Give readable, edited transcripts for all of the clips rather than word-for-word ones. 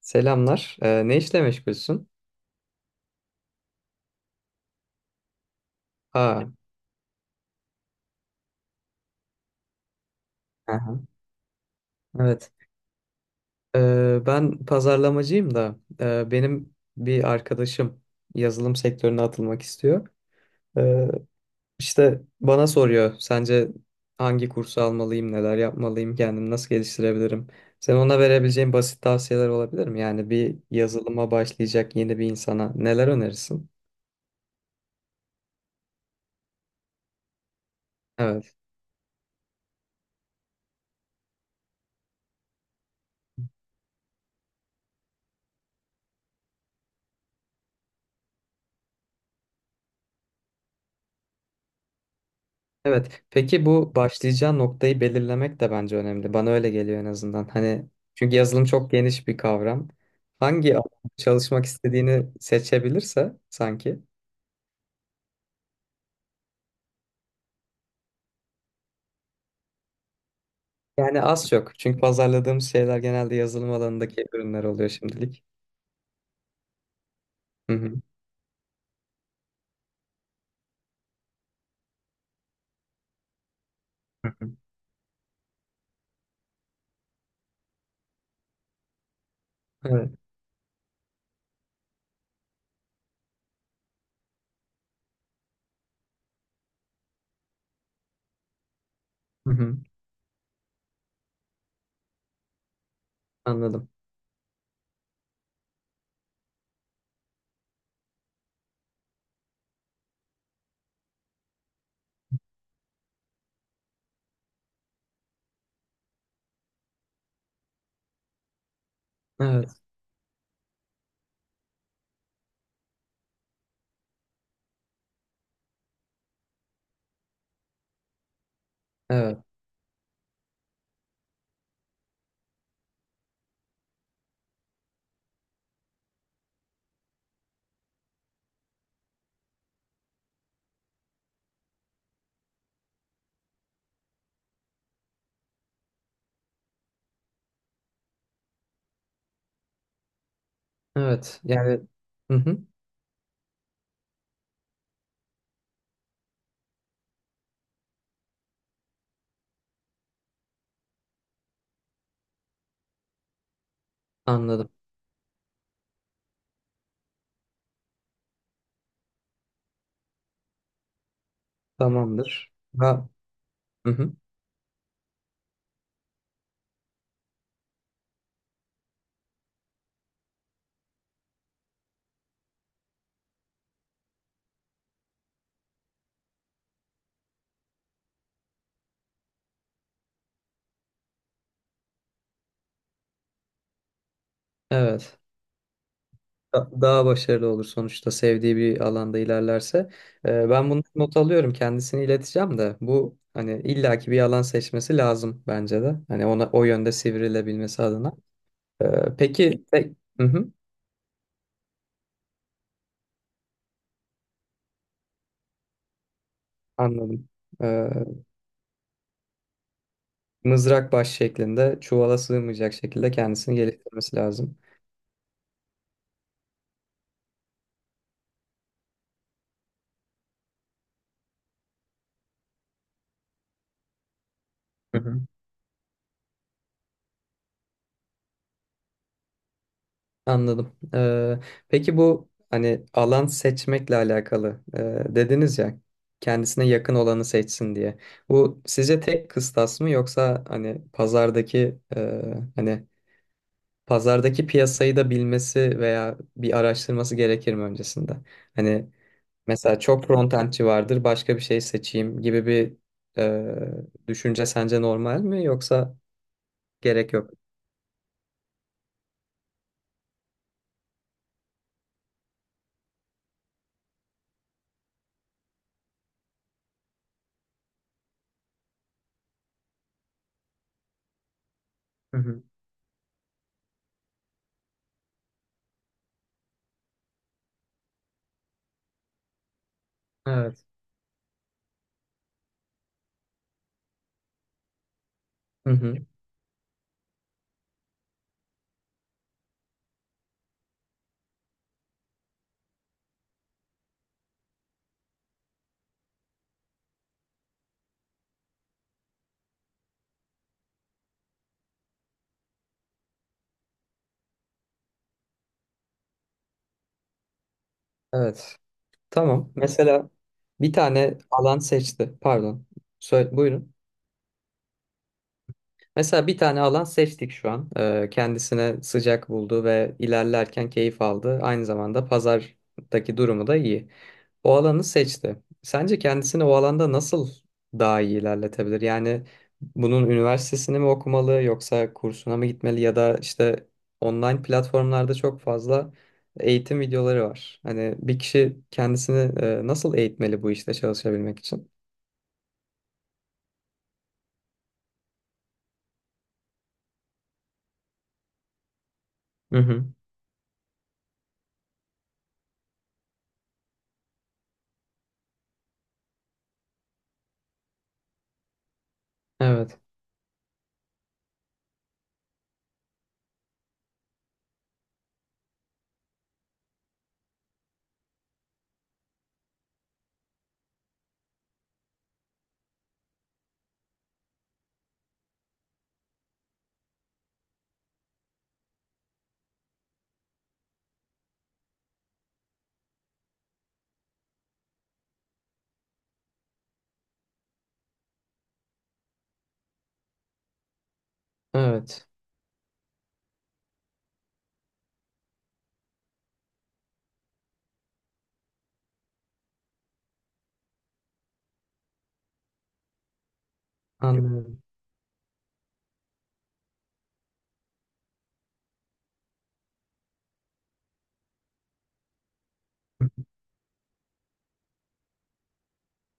Selamlar. Ne işle meşgulsün? Aa, aha, evet. Ben pazarlamacıyım da benim bir arkadaşım yazılım sektörüne atılmak istiyor. Ee, işte bana soruyor, sence hangi kursu almalıyım, neler yapmalıyım, kendimi nasıl geliştirebilirim? Sen ona verebileceğin basit tavsiyeler olabilir mi? Yani bir yazılıma başlayacak yeni bir insana neler önerirsin? Evet. Evet. Peki bu başlayacağı noktayı belirlemek de bence önemli. Bana öyle geliyor en azından. Hani çünkü yazılım çok geniş bir kavram. Hangi alanda çalışmak istediğini seçebilirse sanki. Yani az çok. Çünkü pazarladığımız şeyler genelde yazılım alanındaki ürünler oluyor şimdilik. Hı hı. Hı hı. Evet. Hı hı. Anladım. Evet. Evet. Evet. Yani hı hı. Anladım. Tamamdır. Ha. Hı hı. Evet. Daha başarılı olur sonuçta sevdiği bir alanda ilerlerse. Ben bunu not alıyorum kendisini ileteceğim de bu hani illaki bir alan seçmesi lazım bence de. Hani ona o yönde sivrilebilmesi adına. Ee, peki te- Hı hı, anladım. Ee, Mızrak baş şeklinde çuvala sığmayacak şekilde kendisini geliştirmesi lazım. Hı hı. Anladım. Peki bu hani alan seçmekle alakalı dediniz ya kendisine yakın olanı seçsin diye. Bu sizce tek kıstas mı yoksa hani pazardaki hani pazardaki piyasayı da bilmesi veya bir araştırması gerekir mi öncesinde? Hani mesela çok frontendçi vardır başka bir şey seçeyim gibi bir düşünce sence normal mi yoksa gerek yok? Hı hı. Evet. Hı hı. Evet. Tamam. Mesela bir tane alan seçti. Pardon. Söyle, buyurun. Mesela bir tane alan seçtik şu an. Kendisine sıcak buldu ve ilerlerken keyif aldı. Aynı zamanda pazardaki durumu da iyi. O alanı seçti. Sence kendisini o alanda nasıl daha iyi ilerletebilir? Yani bunun üniversitesini mi okumalı yoksa kursuna mı gitmeli ya da işte online platformlarda çok fazla eğitim videoları var. Hani bir kişi kendisini nasıl eğitmeli bu işte çalışabilmek için? Hı hı. Evet, evet. Anlıyorum.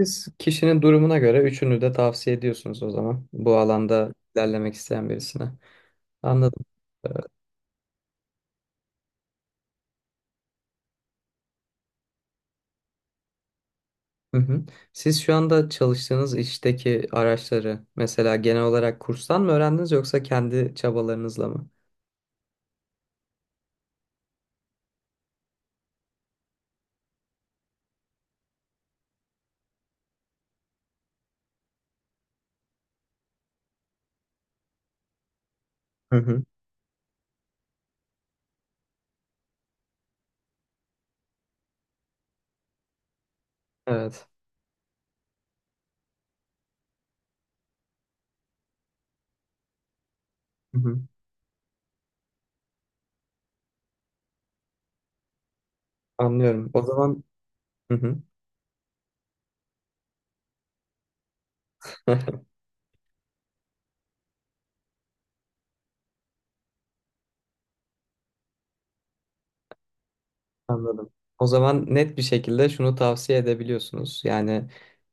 Siz kişinin durumuna göre üçünü de tavsiye ediyorsunuz o zaman. Bu alanda ilerlemek isteyen birisine. Anladım. Ee, Hı hı. Siz şu anda çalıştığınız işteki araçları mesela genel olarak kurstan mı öğrendiniz yoksa kendi çabalarınızla mı? Hı hı. Evet. Hı hı. Anlıyorum. O zaman hı hı. Anladım. O zaman net bir şekilde şunu tavsiye edebiliyorsunuz. Yani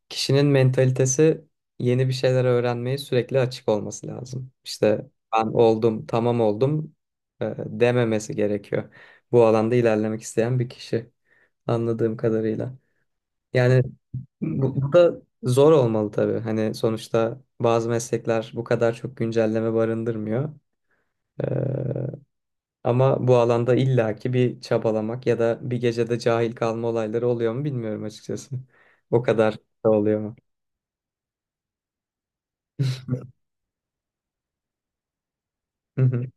kişinin mentalitesi yeni bir şeyler öğrenmeye sürekli açık olması lazım. İşte ben oldum, tamam oldum, dememesi gerekiyor. Bu alanda ilerlemek isteyen bir kişi anladığım kadarıyla. Yani bu, da zor olmalı tabii. Hani sonuçta bazı meslekler bu kadar çok güncelleme barındırmıyor. E, Ama bu alanda illaki bir çabalamak ya da bir gecede cahil kalma olayları oluyor mu bilmiyorum açıkçası. O kadar da oluyor mu? Hı hı.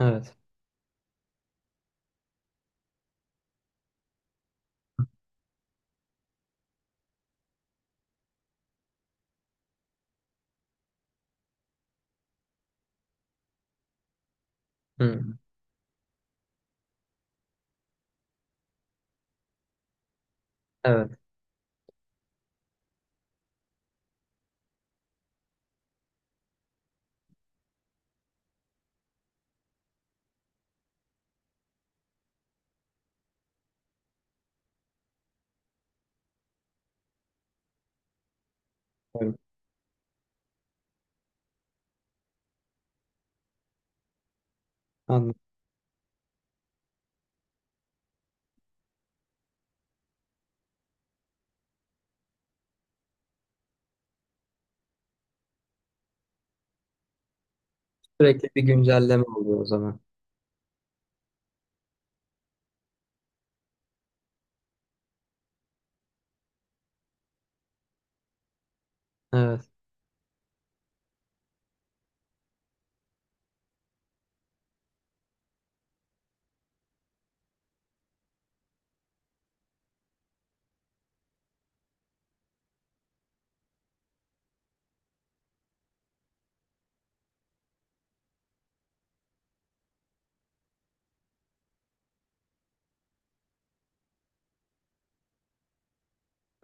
Evet. Hı. Evet, evet. Anladım. Sürekli bir güncelleme oluyor o zaman. Evet.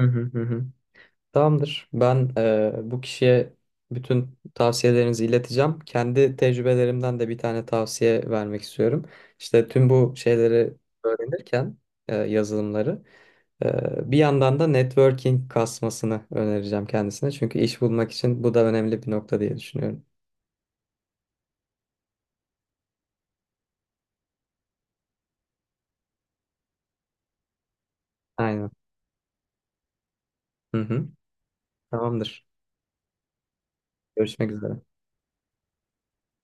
Hı hı hı. Hı. Tamamdır. Ben bu kişiye bütün tavsiyelerinizi ileteceğim. Kendi tecrübelerimden de bir tane tavsiye vermek istiyorum. İşte tüm bu şeyleri öğrenirken yazılımları bir yandan da networking kasmasını önereceğim kendisine. Çünkü iş bulmak için bu da önemli bir nokta diye düşünüyorum. Aynen. Hı hı. Tamamdır. Görüşmek üzere.